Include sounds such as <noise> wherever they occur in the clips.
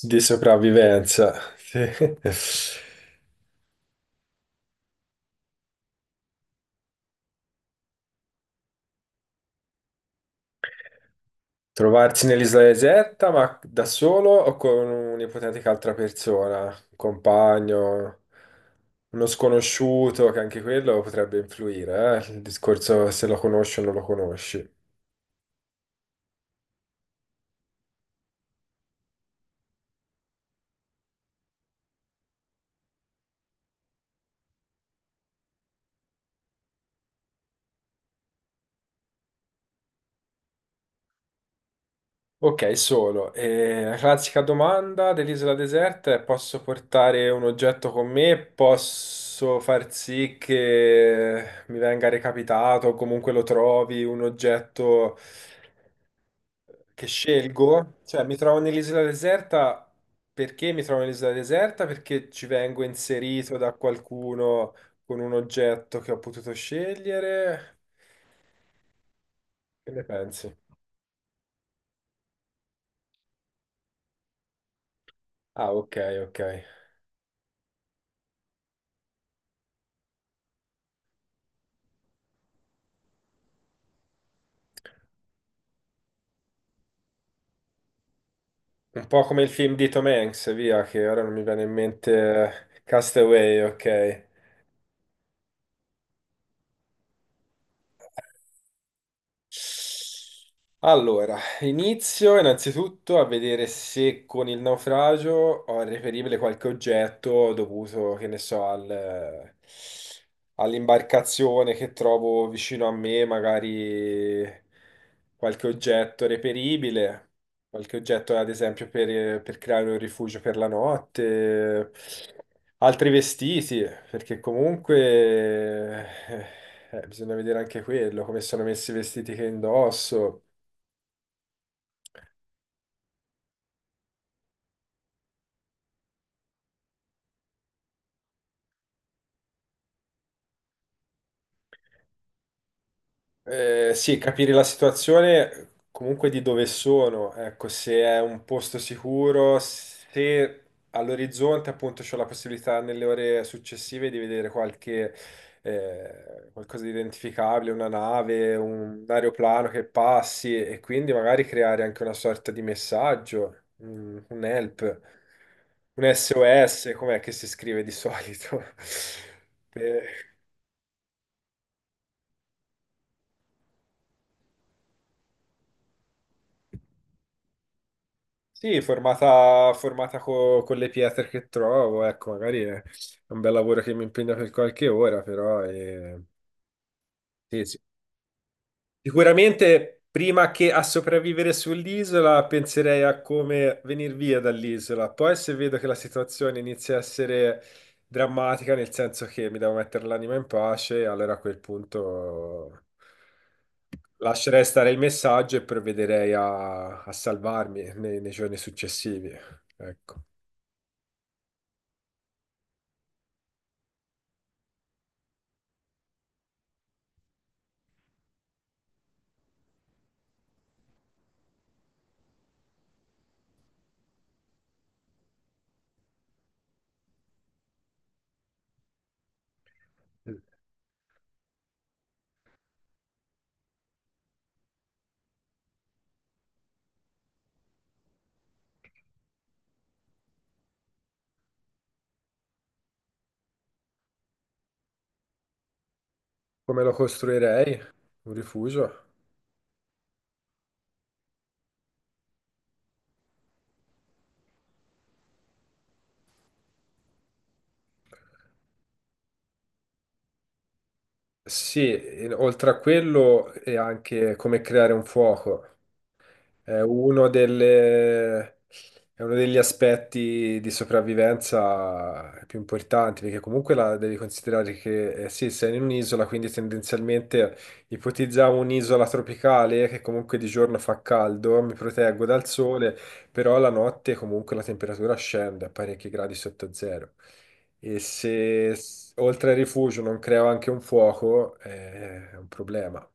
Di sopravvivenza. <laughs> Sì. Trovarsi nell'isola deserta, ma da solo o con un'ipotetica altra persona, un compagno, uno sconosciuto, che anche quello potrebbe influire, il discorso se lo conosci o non lo conosci. Ok, solo. E la classica domanda dell'isola deserta è: posso portare un oggetto con me? Posso far sì che mi venga recapitato o comunque lo trovi un oggetto? Che scelgo, cioè mi trovo nell'isola deserta, perché mi trovo nell'isola deserta? Perché ci vengo inserito da qualcuno con un oggetto che ho potuto scegliere. Che ne pensi? Ah, ok, ok. Un po' come il film di Tom Hanks, via, che ora non mi viene in mente, Castaway, ok. Allora, inizio innanzitutto a vedere se con il naufragio ho reperibile qualche oggetto dovuto, che ne so, all'imbarcazione che trovo vicino a me, magari qualche oggetto reperibile, qualche oggetto ad esempio per creare un rifugio per la notte, altri vestiti perché comunque eh, bisogna vedere anche quello, come sono messi i vestiti che indosso. Sì, capire la situazione comunque di dove sono, ecco, se è un posto sicuro, se all'orizzonte appunto c'ho la possibilità nelle ore successive di vedere qualche qualcosa di identificabile, una nave, un aeroplano che passi e quindi magari creare anche una sorta di messaggio, un help, un SOS, com'è che si scrive di solito? <laughs> Eh, sì, formata, formata con le pietre che trovo, ecco, magari è un bel lavoro che mi impegna per qualche ora, però sì, sì. Sicuramente prima che a sopravvivere sull'isola penserei a come venire via dall'isola, poi se vedo che la situazione inizia a essere drammatica, nel senso che mi devo mettere l'anima in pace, allora a quel punto lascerei stare il messaggio e provvederei a salvarmi nei giorni successivi, ecco. Come lo costruirei? Un rifugio? Sì, e oltre a quello è anche come creare un fuoco. È uno delle- è uno degli aspetti di sopravvivenza più importanti, perché comunque la devi considerare che sì, sei in un'isola, quindi tendenzialmente ipotizziamo un'isola tropicale che comunque di giorno fa caldo, mi proteggo dal sole, però la notte comunque la temperatura scende a parecchi gradi sotto zero. E se oltre al rifugio non creo anche un fuoco, è un problema.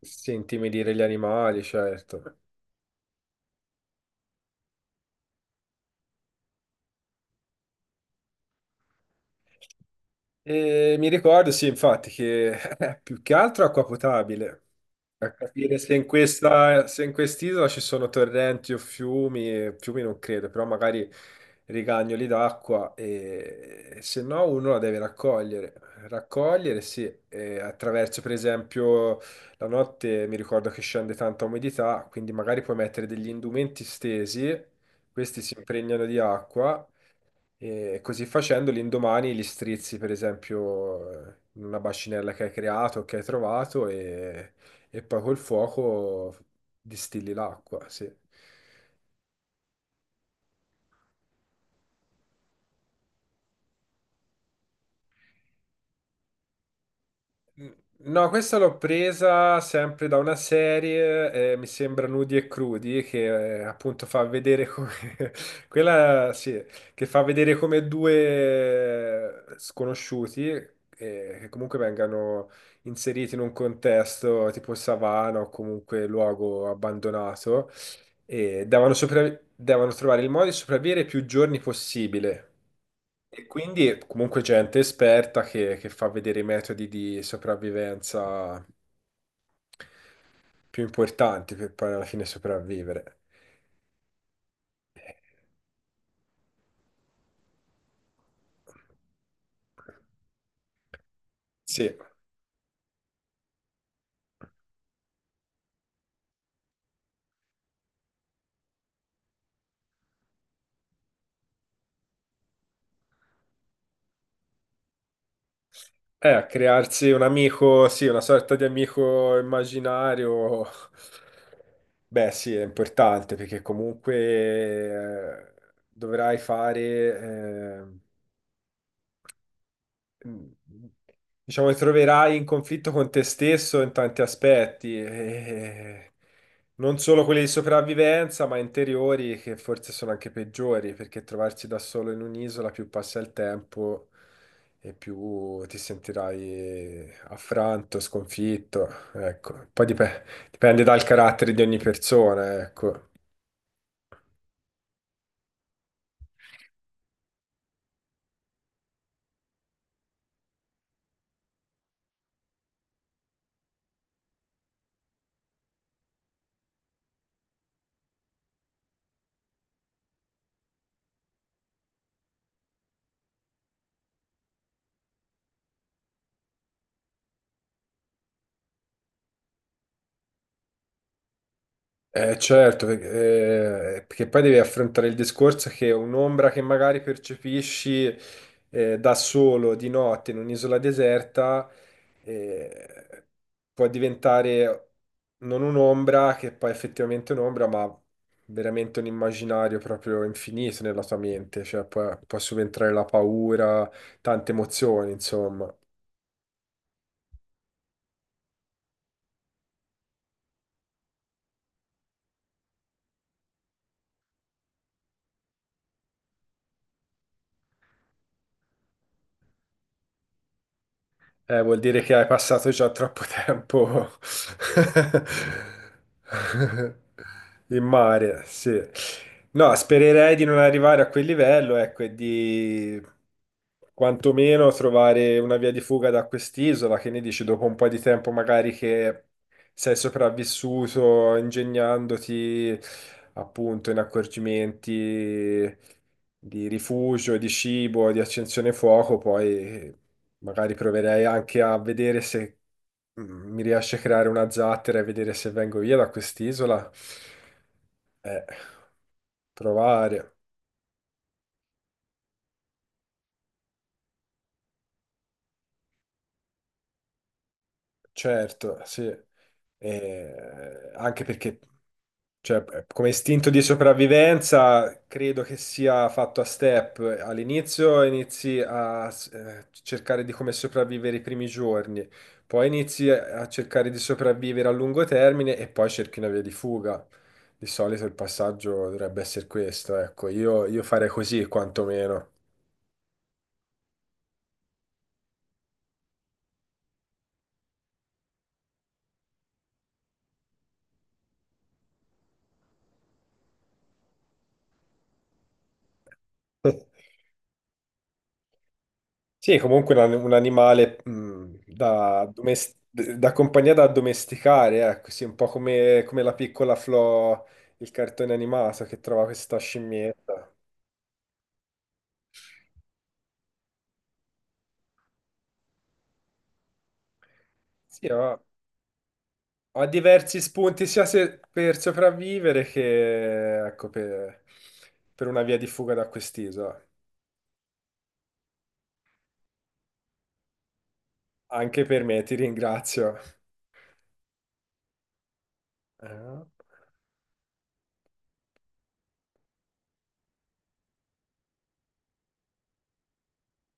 Sì, intimidire gli animali, certo. E mi ricordo, sì, infatti, che <laughs> più che altro acqua potabile, a capire se in questa, se in quest'isola ci sono torrenti o fiumi, fiumi non credo, però magari rigagnoli d'acqua e se no uno la deve raccogliere. Raccogliere, sì, e attraverso per esempio la notte mi ricordo che scende tanta umidità, quindi magari puoi mettere degli indumenti stesi, questi si impregnano di acqua e così facendo, l'indomani li strizzi, per esempio, in una bacinella che hai creato, che hai trovato, e poi col fuoco distilli l'acqua, sì. No, questa l'ho presa sempre da una serie, mi sembra Nudi e Crudi, che appunto fa vedere come... <laughs> Quella, sì, che fa vedere come due sconosciuti, che comunque vengano inseriti in un contesto tipo savana o comunque luogo abbandonato, e devono, devono trovare il modo di sopravvivere più giorni possibile. E quindi è comunque gente esperta che fa vedere i metodi di sopravvivenza più importanti per poi alla fine sopravvivere. Sì, a crearsi un amico, sì, una sorta di amico immaginario. Beh, sì, è importante perché comunque dovrai fare ehm, diciamo, ti troverai in conflitto con te stesso in tanti aspetti, non solo quelli di sopravvivenza, ma interiori che forse sono anche peggiori, perché trovarsi da solo in un'isola, più passa il tempo e più ti sentirai affranto, sconfitto, ecco. Dipende dal carattere di ogni persona, ecco. Certo, perché, perché poi devi affrontare il discorso che un'ombra che magari percepisci da solo di notte in un'isola deserta eh, può diventare non un'ombra che poi effettivamente è un'ombra, ma veramente un immaginario proprio infinito nella tua mente, cioè può subentrare la paura, tante emozioni, insomma. Vuol dire che hai passato già troppo tempo <laughs> in mare, sì. No, spererei di non arrivare a quel livello, ecco, e di quantomeno trovare una via di fuga da quest'isola, che ne dici, dopo un po' di tempo magari che sei sopravvissuto ingegnandoti appunto in accorgimenti di rifugio, di cibo, di accensione fuoco, poi magari proverei anche a vedere se mm, mi riesce a creare una zattera e vedere se vengo via da quest'isola. Eh, provare, certo, sì. Anche perché cioè, come istinto di sopravvivenza, credo che sia fatto a step. All'inizio cercare di come sopravvivere i primi giorni, poi inizi a cercare di sopravvivere a lungo termine e poi cerchi una via di fuga. Di solito il passaggio dovrebbe essere questo, ecco, io farei così quantomeno. <laughs> Sì, è comunque un animale da, da compagnia da addomesticare, ecco, sì, un po' come, come la piccola Flo, il cartone animato che trova questa scimmietta. Sì, ha, ha diversi spunti sia per sopravvivere che ecco, per una via di fuga da quest'isola. Anche per me, ti ringrazio. Eh.